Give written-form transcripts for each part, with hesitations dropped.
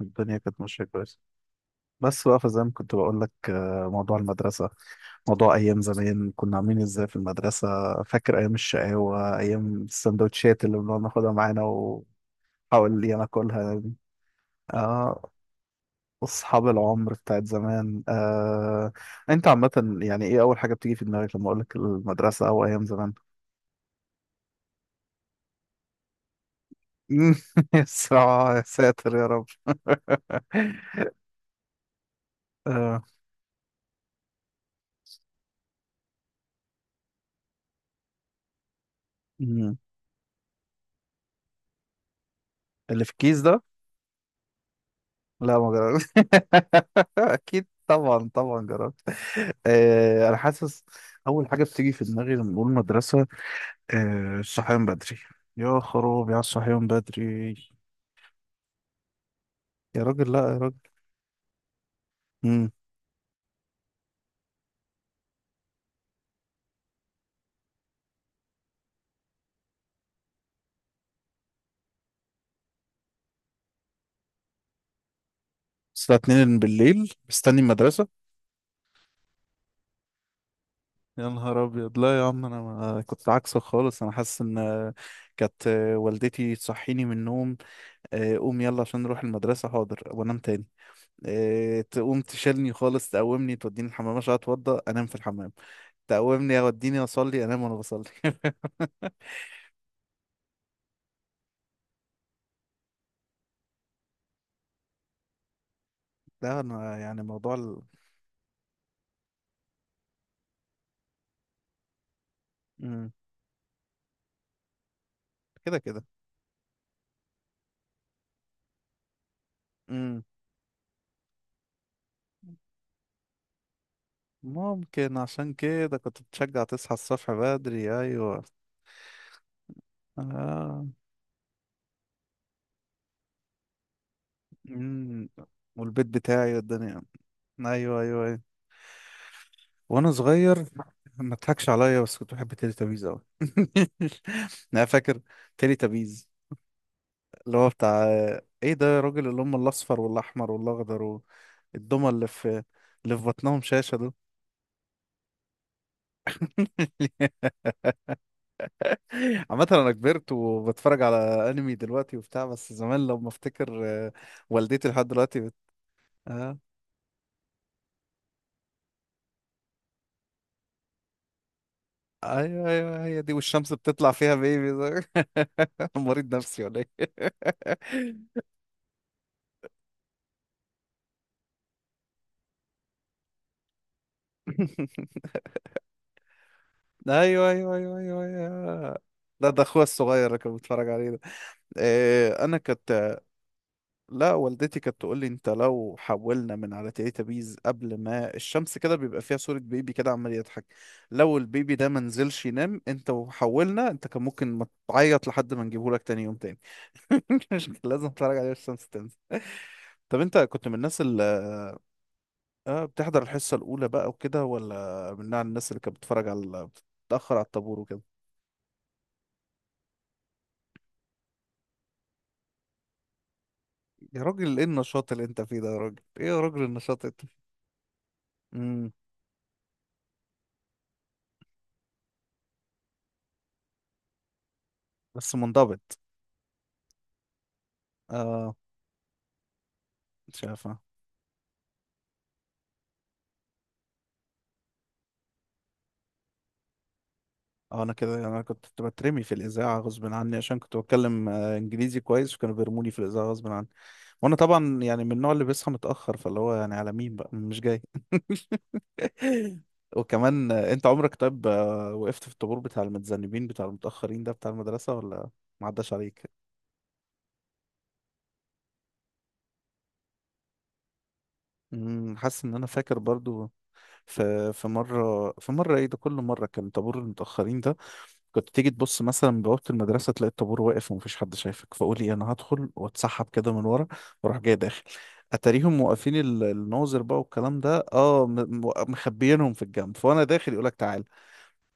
الدنيا كانت ماشية كويس، بس بقى فزي ما كنت بقول لك، موضوع المدرسة. موضوع أيام زمان كنا عاملين إزاي في المدرسة. فاكر أيام الشقاوة، أيام السندوتشات اللي بنقعد ناخدها معانا ونحاول. اللي أنا أكلها دي. آه، أصحاب العمر بتاعت زمان. آه، أنت عامة يعني إيه أول حاجة بتيجي في دماغك لما أقول لك المدرسة أو أيام زمان؟ يا ساتر يا رب. آه. مم. اللي في الكيس ده. لا ما جربت، اكيد طبعا طبعا جربت. آه انا حاسس. اول حاجه بتيجي في دماغي لما بقول مدرسه، آه الصحيان بدري. يا خراب يا الصحيان بدري. يا راجل لا يا راجل. امم الساعه 2 بالليل مستني المدرسه. يا نهار ابيض، لا يا عم، انا ما كنت عكسك خالص. انا حاسس ان كانت والدتي تصحيني من النوم. آه، قوم يلا عشان نروح المدرسه، حاضر وانام تاني. إيه، تقوم تشيلني خالص، تقومني توديني الحمام عشان اتوضى، انام في الحمام. تقومني اوديني اصلي، انام وانا بصلي. لا انا يعني مم. كده كده. مم. ممكن عشان كده كنت بتشجع تصحى الصبح بدري، ايوه. آه. مم. والبيت بتاعي والدنيا. ايوه ايوه ايوه. وانا صغير ما تضحكش عليا، بس كنت بحب تيلي تابيز قوي. انا فاكر تيلي تابيز، اللي هو بتاع. ايه ده يا راجل، اللي هم الاصفر والاحمر والاخضر، والدمى اللي في، اللي في بطنهم شاشه دول. عامه انا كبرت وبتفرج على انمي دلوقتي وبتاع، بس زمان لما افتكر. آه، والدتي لحد دلوقتي آه. ايوه ايوه، هي دي، والشمس بتطلع فيها بيبي ده. مريض نفسي ولا ايه. ايوه ايوه ايوه ايوه ايوه. ده اخويا الصغير اللي كان بيتفرج عليه ده. آه، انا كنت. لا والدتي كانت تقول لي انت لو حولنا من على تيراتابيز قبل ما الشمس كده، بيبقى فيها صورة بيبي كده عمال يضحك. لو البيبي ده ما نزلش ينام انت وحولنا، انت كان ممكن ما تعيط لحد ما نجيبه لك تاني يوم تاني. مش لازم تتفرج عليه، الشمس تنزل. طب انت كنت من الناس اللي اه بتحضر الحصة الأولى بقى وكده، ولا من نوع الناس اللي كانت بتتفرج على، بتتأخر على الطابور وكده. يا راجل ايه النشاط اللي انت فيه ده، يا راجل ايه يا راجل النشاط اللي انت فيه. امم بس منضبط. اه شايفة. اه انا كده يعني، انا كنت بترمي في الاذاعه غصب عني عشان كنت بتكلم انجليزي كويس، وكانوا بيرموني في الاذاعه غصب عني. وانا طبعا يعني من النوع اللي بيصحى متاخر، فاللي هو يعني على مين بقى مش جاي. وكمان آه، انت عمرك طيب آه، وقفت في الطابور بتاع المتذنبين بتاع المتاخرين ده بتاع المدرسه، ولا ما عداش عليك؟ حاسس ان انا فاكر برضو، في مره، في مره ايه ده كل مره كان طابور المتاخرين ده كنت تيجي تبص مثلا من بوابة المدرسة، تلاقي الطابور واقف ومفيش حد شايفك، فقول ايه انا هدخل واتسحب كده من ورا، واروح جاي داخل. اتاريهم موقفين الناظر بقى والكلام ده، اه مخبيينهم في الجنب، فانا داخل يقولك تعال،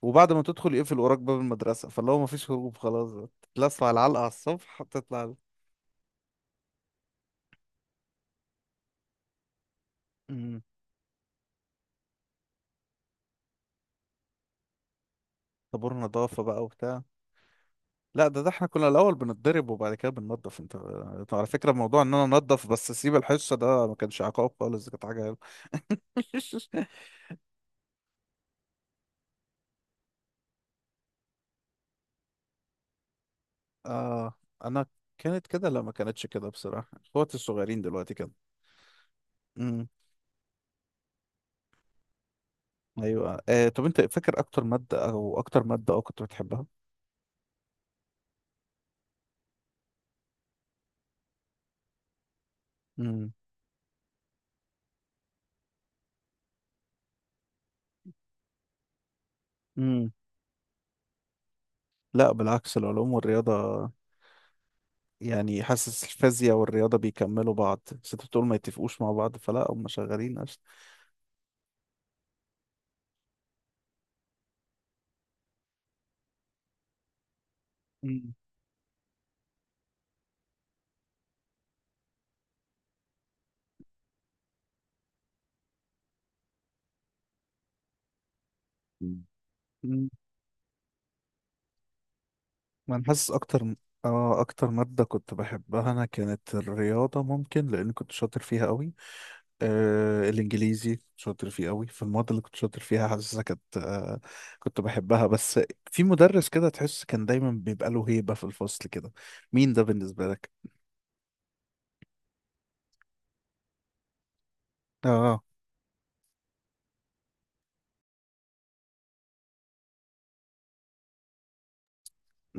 وبعد ما تدخل يقفل وراك باب المدرسة، فاللي هو مفيش هروب خلاص. تتلسع على العلقة على الصبح تطلع. مم. طابور نظافة بقى وبتاع. لا ده ده احنا كنا الأول بنتضرب وبعد كده بننضف انت. طب على فكرة، موضوع ان انا انضف بس اسيب الحصة ده، ما كانش عقاب خالص، ده كانت حاجة حلوة. آه. أنا كانت كده، لا ما كانتش كده، بصراحة اخواتي الصغيرين دلوقتي كده. امم. أيوة آه، طب أنت فاكر أكتر مادة أو أكتر مادة أو كنت بتحبها؟ امم. امم. لا بالعكس، العلوم والرياضة، يعني حاسس الفيزياء والرياضة بيكملوا بعض، بس أنت بتقول ما يتفقوش مع بعض، فلا هم شغالين أصلا. امم. امم. ما أنا حاسس أكتر. آه أكتر مادة كنت بحبها أنا كانت الرياضة، ممكن لأن كنت شاطر فيها أوي. آه الانجليزي شاطر فيه قوي. في المواد اللي كنت شاطر فيها حاسسها كانت آه كنت بحبها. بس في مدرس كده تحس كان دايما بيبقى له هيبة في الفصل كده، مين ده بالنسبة لك؟ اه.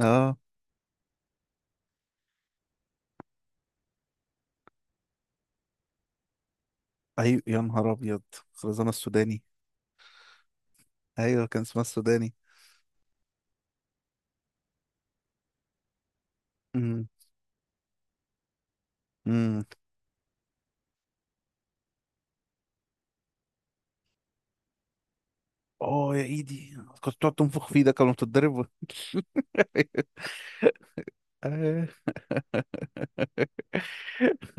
اه. ايوه يا نهار ابيض، خرزانة السوداني. ايوه كان اسمها السوداني. امم. امم. اه يا ايدي، كنت تقعد تنفخ فيه ده، كانوا بتتضرب. آه.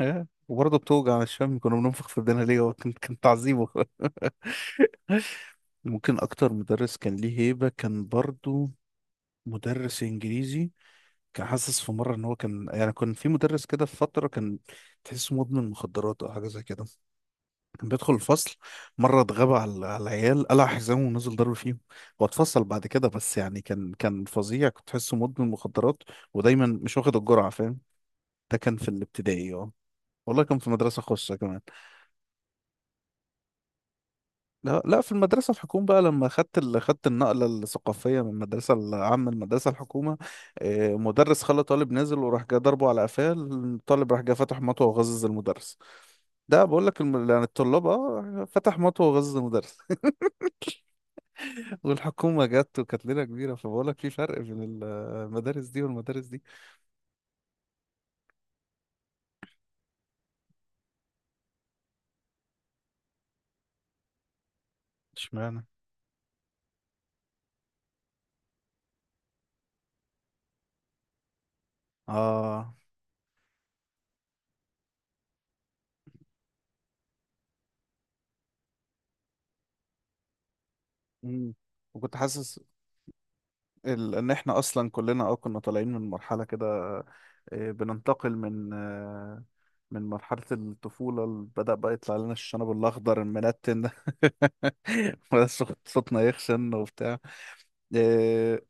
آه. وبرضه بتوجع، مش فاهم كنا بننفخ في ايدينا ليه، هو كان كان تعذيبه. ممكن اكتر مدرس كان ليه هيبة كان برضه مدرس انجليزي. كان حاسس في مره ان هو كان يعني، كان في مدرس كده في فتره، كان تحسه مدمن مخدرات او حاجه زي كده. كان بيدخل الفصل، مره اتغاب على على العيال، قلع حزامه ونزل ضرب فيهم. هو اتفصل بعد كده، بس يعني كان فظيع، كنت تحسه مدمن مخدرات ودايما مش واخد الجرعه، فاهم؟ ده كان في الابتدائي، اه والله، كان في مدرسه خاصه كمان. لا لا في المدرسة الحكومة بقى، لما خدت خدت النقلة الثقافية من المدرسة العامة المدرسة الحكومة. آه، مدرس خلى طالب نازل، وراح جاي ضربه على قفاه، الطالب راح جاي فتح مطوه وغزز المدرس. ده بقول لك يعني الطلاب اه فتح مطوه وغزز المدرس. والحكومة جت، وكانت ليلة كبيرة، فبقول لك في فرق بين المدارس دي والمدارس دي. اشمعنى. اه. مم. وكنت حاسس ان احنا اصلا كلنا اه كنا طالعين من مرحله كده، آه، بننتقل من آه، من مرحله الطفوله بدأ بقى يطلع لنا الشنب الاخضر المنتن ده. بدأ صوتنا يخشن وبتاع. آه،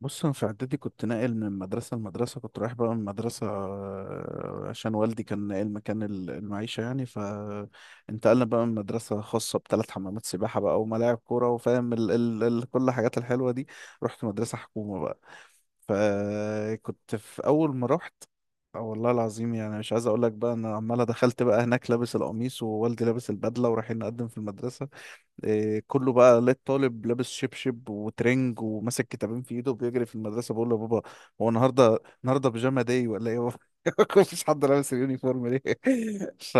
بص انا في اعدادي كنت ناقل من مدرسه لمدرسه، كنت رايح بقى من مدرسه آه، عشان والدي كان ناقل مكان المعيشه يعني، فانتقلنا بقى من مدرسه خاصه بثلاث حمامات سباحه بقى وملاعب كوره، وفاهم ال كل الحاجات الحلوه دي. رحت مدرسه حكومه بقى، فكنت في اول ما رحت، آه، والله العظيم يعني، مش عايز اقول لك بقى، انا عماله دخلت بقى هناك لابس القميص ووالدي لابس البدله ورايحين نقدم في المدرسه. إيه، كله بقى لقيت طالب لابس شبشب وترنج وماسك كتابين في ايده وبيجري في المدرسه بقول له يا بابا. هو النهارده النهارده بيجاما داي ولا ايه؟ مفيش حد لابس اليونيفورم ليه؟ ف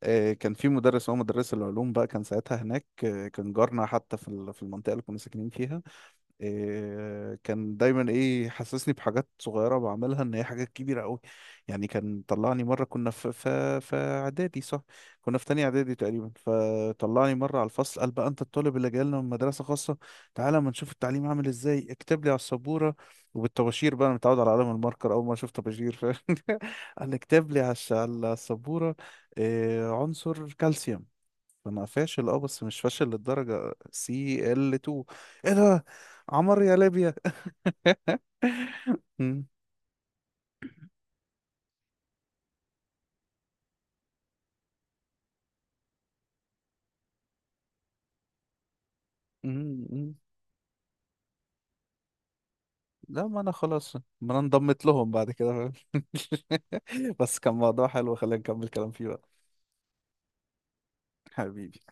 إيه، كان في مدرس، هو مدرس العلوم بقى كان ساعتها هناك، إيه، كان جارنا حتى في المنطقه اللي كنا ساكنين فيها. إيه كان دايما ايه، حسسني بحاجات صغيره بعملها ان هي حاجات كبيره قوي. يعني كان طلعني مره، كنا في في اعدادي صح، كنا في تانية اعدادي تقريبا، فطلعني مره على الفصل قال بقى انت الطالب اللي جاي لنا من مدرسه خاصه، تعالى اما نشوف التعليم عامل ازاي، اكتب لي على السبوره. وبالطباشير بقى، انا متعود على قلم الماركر، اول ما اشوف طباشير قال لي اكتب لي على على السبوره إيه عنصر كالسيوم. انا فاشل اه، بس مش فاشل للدرجة، سي ال 2؟ ايه ده، عمر يا ليبيا. مم، مم، مم. لا ما انا خلاص، ما انا انضمت لهم بعد كده، فاهم؟ بس كان موضوع حلو، خلينا نكمل كلام فيه بقى. حبيبي.